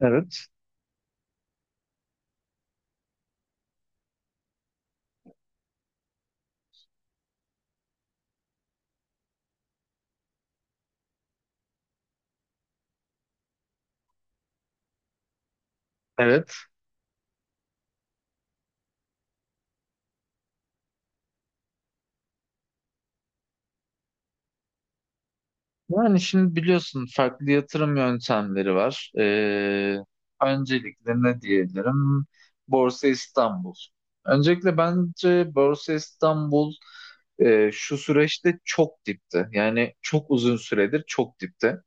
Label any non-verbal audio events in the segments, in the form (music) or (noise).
Evet, evet. Yani şimdi biliyorsun farklı yatırım yöntemleri var. Öncelikle ne diyebilirim? Borsa İstanbul. Öncelikle bence Borsa İstanbul şu süreçte çok dipte. Yani çok uzun süredir çok dipte.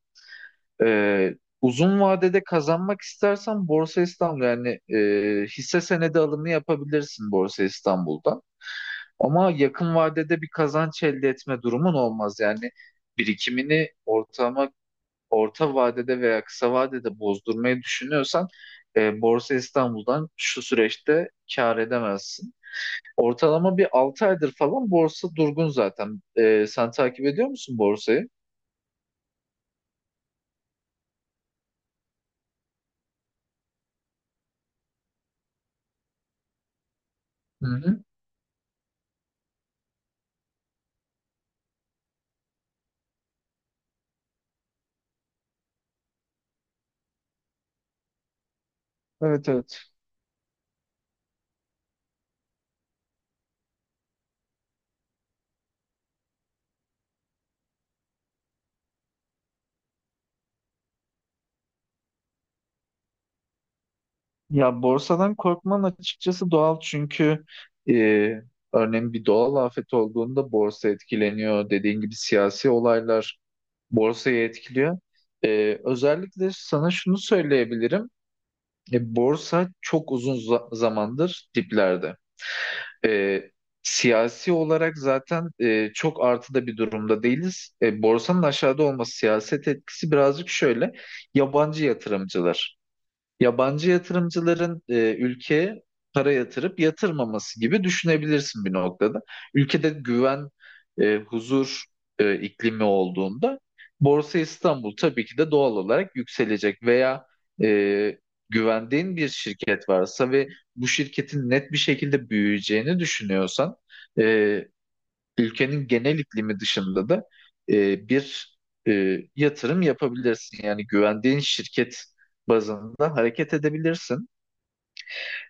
Ee, uzun vadede kazanmak istersen Borsa İstanbul yani hisse senedi alımı yapabilirsin Borsa İstanbul'da. Ama yakın vadede bir kazanç elde etme durumun olmaz. Yani birikimini orta vadede veya kısa vadede bozdurmayı düşünüyorsan Borsa İstanbul'dan şu süreçte kâr edemezsin. Ortalama bir 6 aydır falan borsa durgun zaten. Sen takip ediyor musun borsayı? Hı hı. Evet, evet. Ya borsadan korkman açıkçası doğal, çünkü e, örneğin bir doğal afet olduğunda borsa etkileniyor. Dediğin gibi siyasi olaylar borsayı etkiliyor. Özellikle sana şunu söyleyebilirim. Borsa çok uzun zamandır diplerde. Ee, siyasi olarak zaten çok artıda bir durumda değiliz. Borsanın aşağıda olması, siyaset etkisi birazcık şöyle. Yabancı yatırımcılar. Yabancı yatırımcıların ülkeye para yatırıp yatırmaması gibi düşünebilirsin bir noktada. Ülkede güven, huzur iklimi olduğunda Borsa İstanbul tabii ki de doğal olarak yükselecek, veya e, güvendiğin bir şirket varsa ve bu şirketin net bir şekilde büyüyeceğini düşünüyorsan e, ülkenin genel iklimi dışında da bir yatırım yapabilirsin. Yani güvendiğin şirket bazında hareket edebilirsin.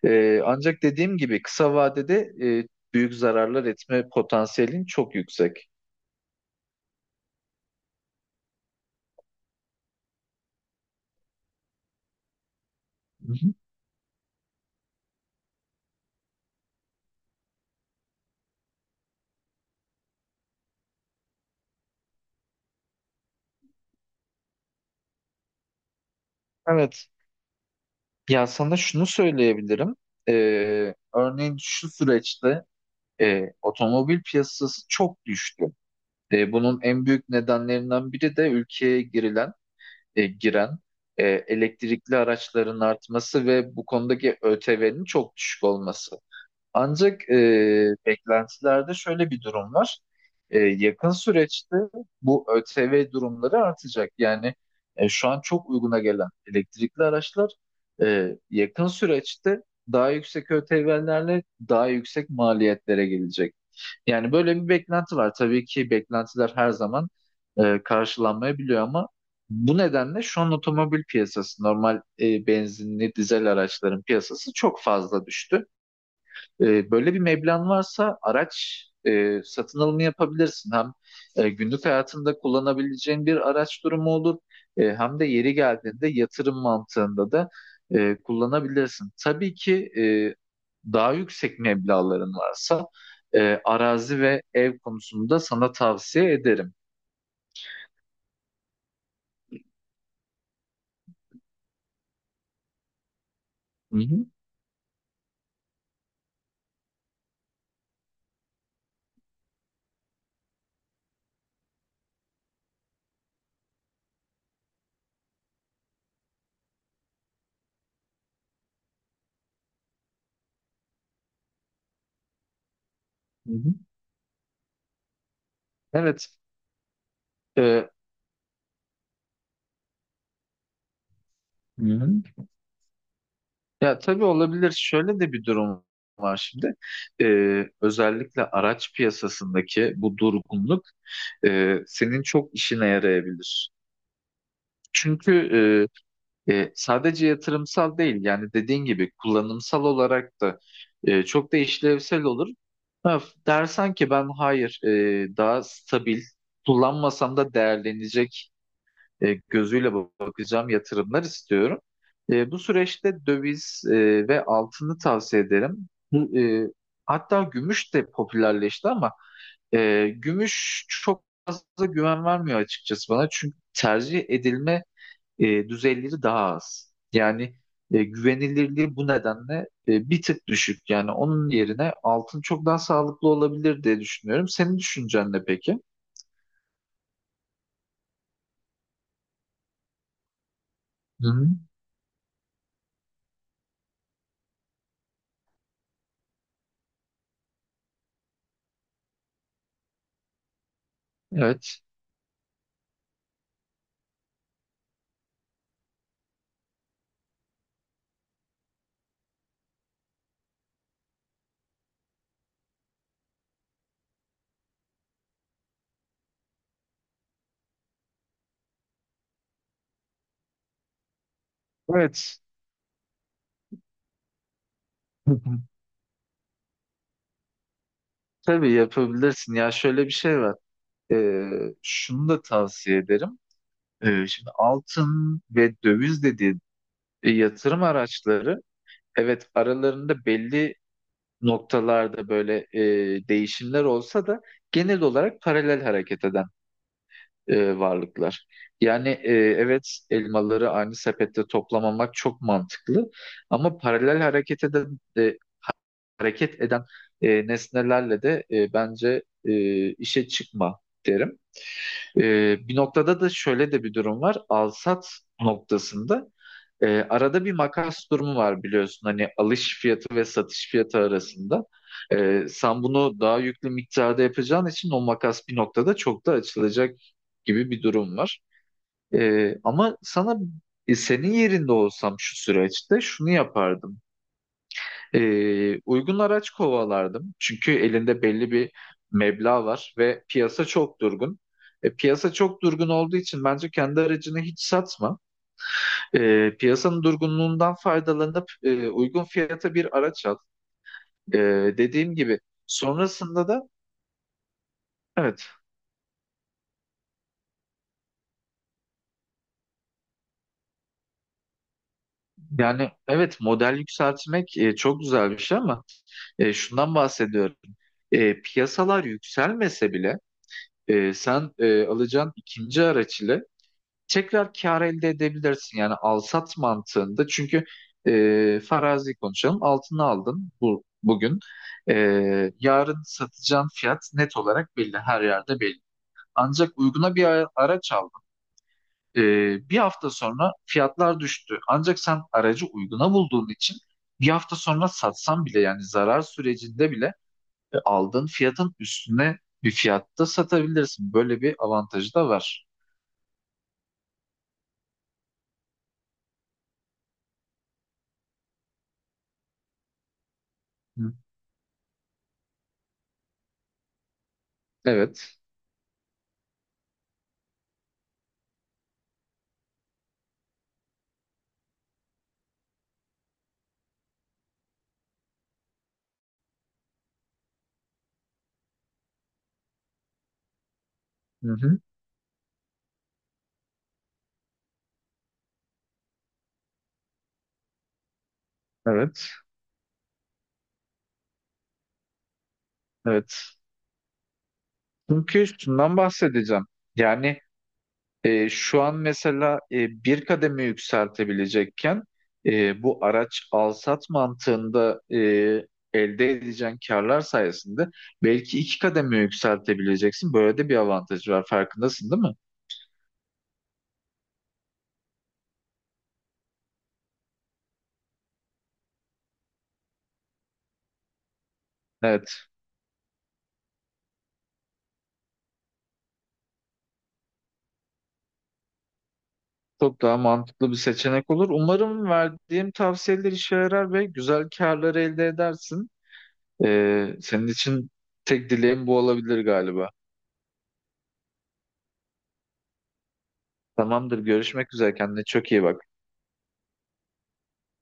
Ancak dediğim gibi kısa vadede e, büyük zararlar etme potansiyelin çok yüksek. Hı hı. Evet. Ya sana şunu söyleyebilirim. E, örneğin şu süreçte otomobil piyasası çok düştü. Bunun en büyük nedenlerinden biri de ülkeye giren elektrikli araçların artması ve bu konudaki ÖTV'nin çok düşük olması. Ancak beklentilerde şöyle bir durum var. Yakın süreçte bu ÖTV durumları artacak. Yani şu an çok uyguna gelen elektrikli araçlar yakın süreçte daha yüksek ÖTV'lerle daha yüksek maliyetlere gelecek. Yani böyle bir beklenti var. Tabii ki beklentiler her zaman karşılanmayabiliyor, ama bu nedenle şu an otomobil piyasası, normal benzinli dizel araçların piyasası çok fazla düştü. Böyle bir meblağın varsa araç satın alımı yapabilirsin. Hem günlük hayatında kullanabileceğin bir araç durumu olur. Hem de yeri geldiğinde yatırım mantığında da kullanabilirsin. Tabii ki daha yüksek meblağların varsa arazi ve ev konusunda sana tavsiye ederim. Hı hı. Hı hı. Evet. e, Hı hı. Ya tabii olabilir. Şöyle de bir durum var şimdi. Özellikle araç piyasasındaki bu durgunluk senin çok işine yarayabilir. Çünkü sadece yatırımsal değil, yani dediğin gibi kullanımsal olarak da çok da işlevsel olur. Ha, dersen ki ben hayır, daha stabil kullanmasam da değerlenecek gözüyle bakacağım yatırımlar istiyorum. Bu süreçte döviz ve altını tavsiye ederim. Hatta gümüş de popülerleşti, ama gümüş çok fazla güven vermiyor açıkçası bana. Çünkü tercih edilme düzeyleri daha az. Yani güvenilirliği bu nedenle bir tık düşük. Yani onun yerine altın çok daha sağlıklı olabilir diye düşünüyorum. Senin düşüncen ne peki? Hı hı. Evet. Evet. (laughs) Tabii yapabilirsin. Ya şöyle bir şey var. Ee, şunu da tavsiye ederim. Şimdi altın ve döviz dediği yatırım araçları, evet, aralarında belli noktalarda böyle değişimler olsa da genel olarak paralel hareket eden varlıklar. Yani evet, elmaları aynı sepette toplamamak çok mantıklı, ama paralel hareket eden nesnelerle de bence işe çıkma derim. Bir noktada da şöyle de bir durum var. Alsat noktasında arada bir makas durumu var biliyorsun. Hani alış fiyatı ve satış fiyatı arasında. Sen bunu daha yüklü miktarda yapacağın için o makas bir noktada çok da açılacak gibi bir durum var. Ama sana senin yerinde olsam şu süreçte şunu yapardım. Uygun araç kovalardım. Çünkü elinde belli bir meblağ var ve piyasa çok durgun. Piyasa çok durgun olduğu için bence kendi aracını hiç satma. Piyasanın durgunluğundan faydalanıp uygun fiyata bir araç al. E, dediğim gibi sonrasında da evet. Yani evet, model yükseltmek çok güzel bir şey, ama şundan bahsediyorum. Piyasalar yükselmese bile sen alacağın ikinci araç ile tekrar kar elde edebilirsin. Yani al-sat mantığında, çünkü farazi konuşalım, altını aldın bugün. E, yarın satacağın fiyat net olarak belli, her yerde belli. Ancak uyguna bir araç aldın. E, bir hafta sonra fiyatlar düştü. Ancak sen aracı uyguna bulduğun için bir hafta sonra satsan bile, yani zarar sürecinde bile aldığın fiyatın üstüne bir fiyatta satabilirsin. Böyle bir avantajı da var. Hı. Evet. Hı hı. Evet. Evet. Çünkü üstünden bahsedeceğim. Yani şu an mesela bir kademe yükseltebilecekken bu araç alsat mantığında elde edeceğin karlar sayesinde belki iki kademe yükseltebileceksin. Böyle de bir avantajı var. Farkındasın değil mi? Evet. Çok daha mantıklı bir seçenek olur. Umarım verdiğim tavsiyeler işe yarar ve güzel karlar elde edersin. Senin için tek dileğim bu olabilir galiba. Tamamdır. Görüşmek üzere. Kendine çok iyi bak.